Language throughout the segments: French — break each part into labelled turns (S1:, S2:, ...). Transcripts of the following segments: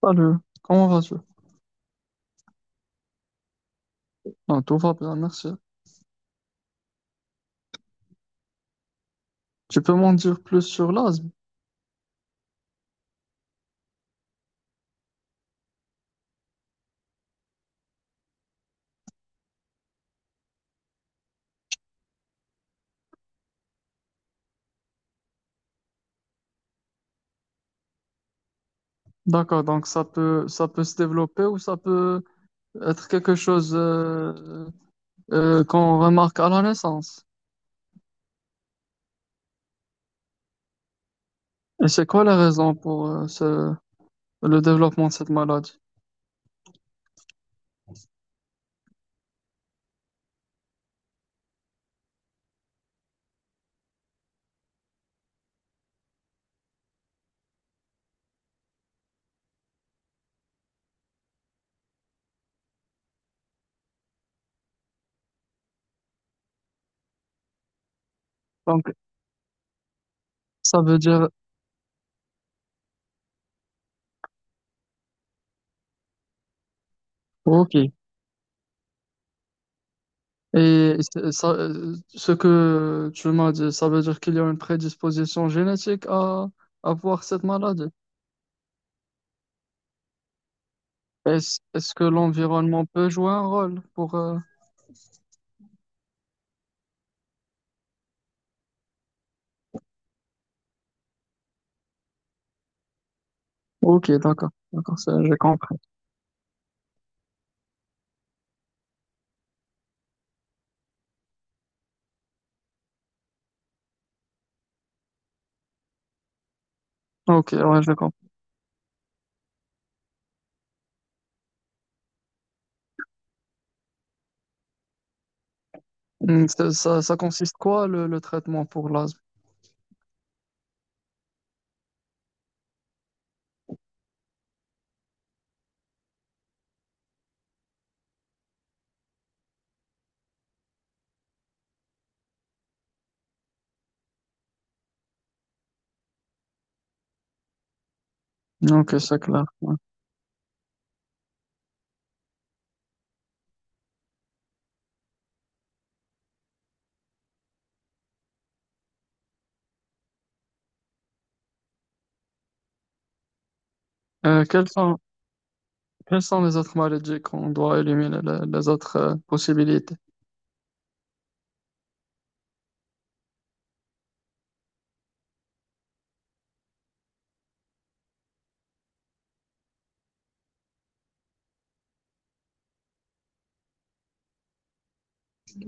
S1: Salut, comment vas-tu? Non, tout va bien, merci. Tu peux m'en dire plus sur l'asthme? D'accord, donc ça peut se développer ou ça peut être quelque chose qu'on remarque à la naissance. Et c'est quoi les raisons pour le développement de cette maladie? Donc, ça veut dire, ok. Et ce que tu m'as dit, ça veut dire qu'il y a une prédisposition génétique à avoir cette maladie. Est-ce que l'environnement peut jouer un rôle pour... Ok, d'accord, d'accord, ça, je comprends. Ok, ouais, je comprends. Hmm. Ça consiste quoi le traitement pour l'asthme? Ok, c'est clair. Ouais. Euh, quelles sont, quelles sont les autres maladies qu'on doit éliminer, les autres possibilités?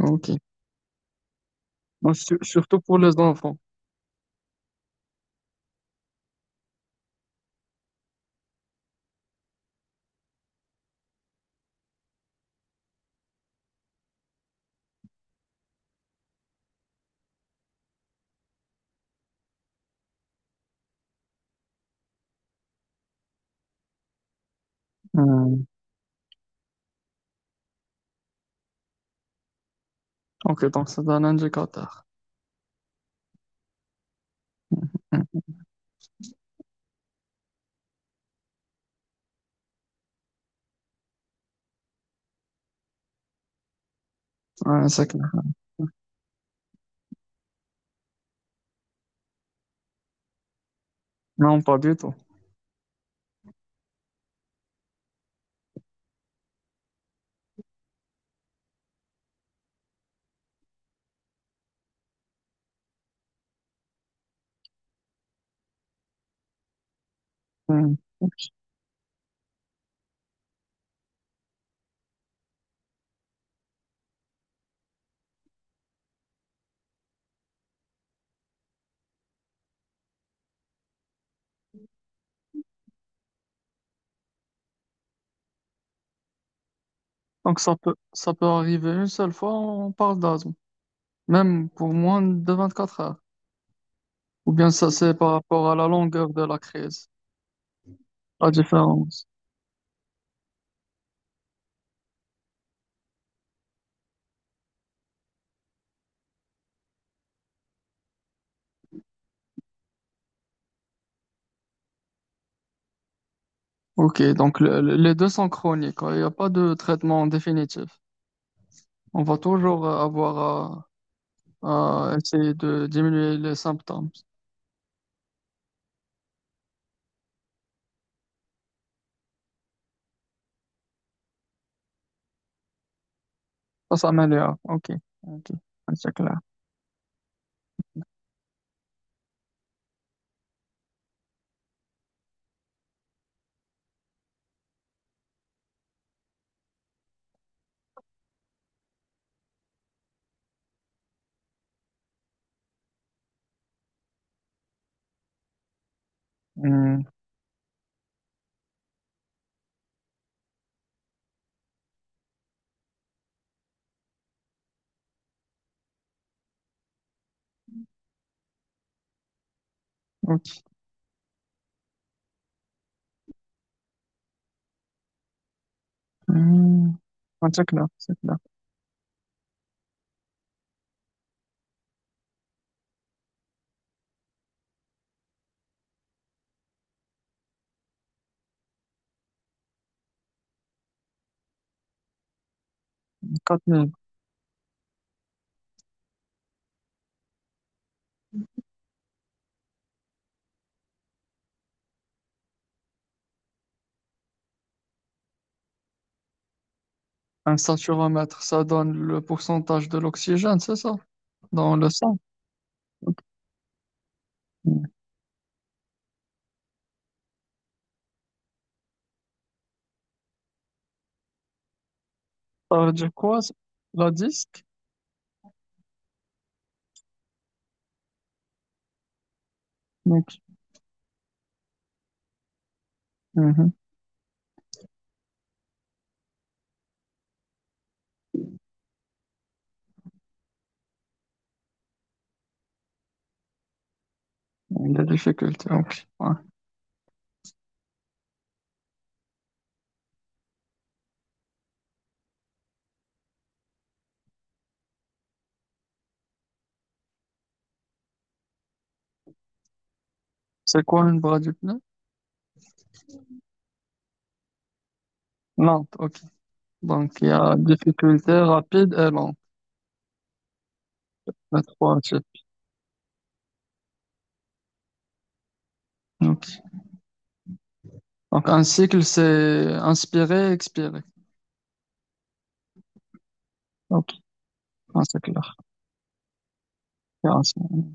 S1: Ok. Bon, surtout pour les enfants. Hmm. Ok, donc c'est un indicateur. Hmm, ouais, c'est clair. Non, pas du tout. Hmm. Donc ça peut arriver une seule fois, on parle d'asthme, même pour moins de 24 heures. Ou bien ça c'est par rapport à la longueur de la crise, la différence. Ok, donc les deux sont chroniques, hein, il n'y a pas de traitement définitif. On va toujours avoir à essayer de diminuer les symptômes. تتمالي اوكي اوكي شكلها امم اوكي امم شكلها شكلها 4000. Un saturomètre ça donne le pourcentage de l'oxygène c'est ça dans le sang. Ok. Hmm. Ça veut dire quoi ça, la disque. Ok. Mhm. Il difficulté, ok, ouais. C'est quoi une bras du pneu? Lente, ok. Donc il y a difficulté rapide et lente, les trois types. Ok. Donc un cycle c'est inspirer expirer, ok. Ah, c'est clair. Intéressant.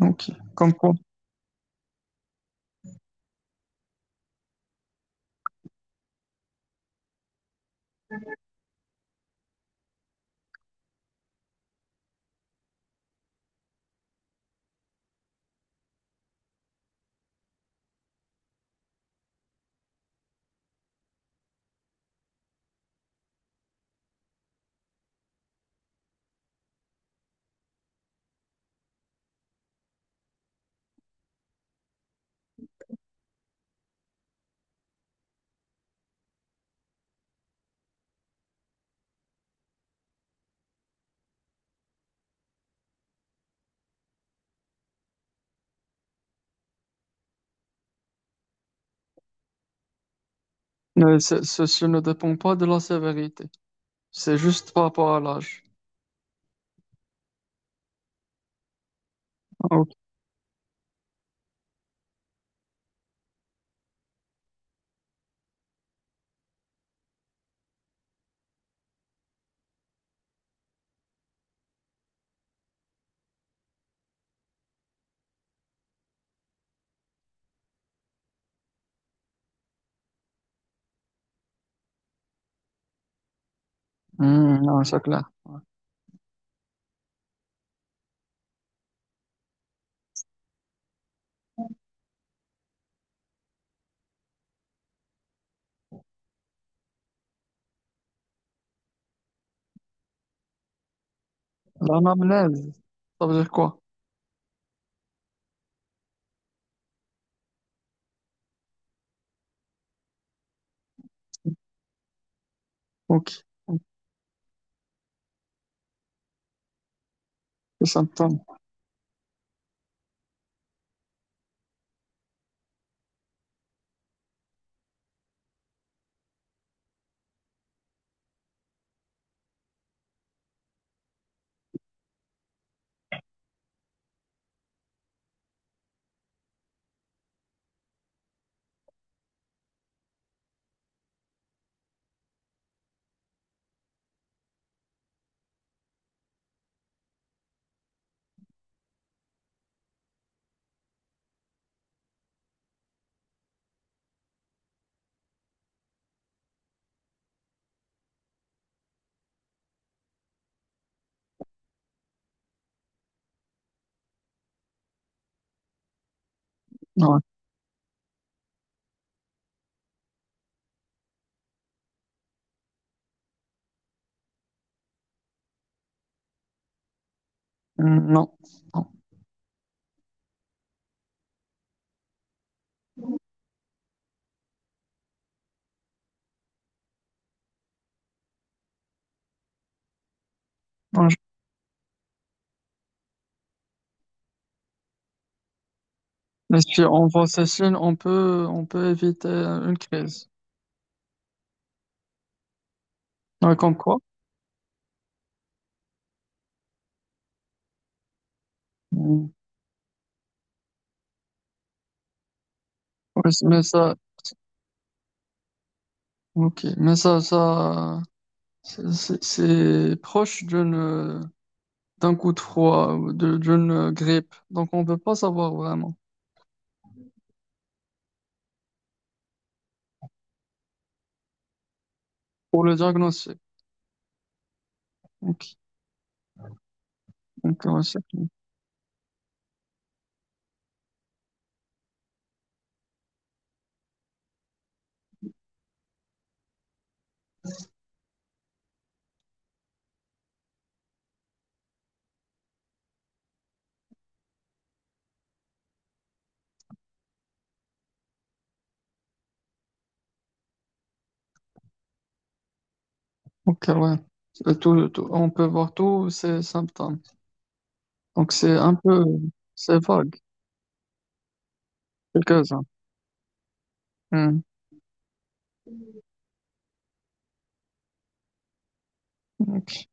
S1: Ok, comme quoi? Ceci ne dépend pas de la sévérité. C'est juste par rapport à l'âge. Ah, ok. Hmm, non, c'est clair. L'anamnèse, ça veut dire quoi? Ok. Les symptômes. Ouais. Hmm. Non. Non. Non, je- Mais si on voit ces signes, on peut éviter une crise. Ouais, comme quoi? Hmm. Ouais, c'est- mais ça, ok. C'est proche d'une, d'un coup de froid, ou d'une grippe. Donc, on ne peut pas savoir vraiment pour le diagnostic. Ok. Donc, ouais, tout. Ok, ouais. On peut voir tous ces symptômes. Donc, c'est un peu, c'est vague, quelques-uns. Hmm. Ok.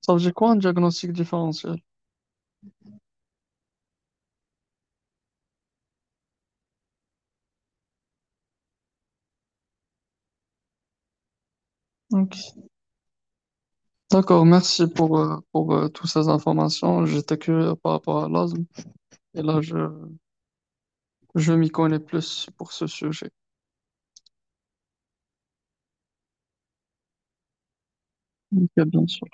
S1: Ça veut dire quoi un diagnostic différentiel? Ok. D'accord, merci pour, toutes ces informations. J'étais curieux par rapport à l'asthme et je m'y connais plus pour ce sujet. Ok, bien sûr.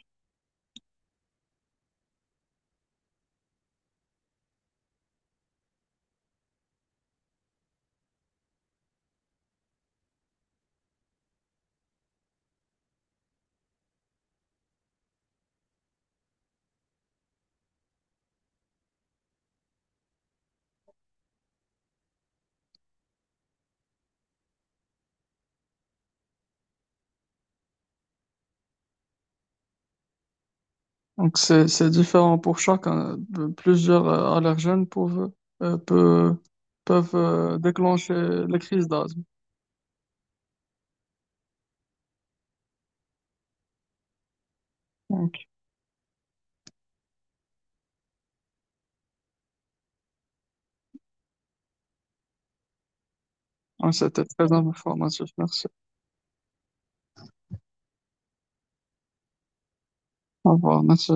S1: Donc, c'est différent pour chacun. De- Plusieurs allergènes peuvent, euh, peu- peuvent, déclencher les crises d'asthme. Ouais, c'était très informatif. Merci. Au revoir. Merci.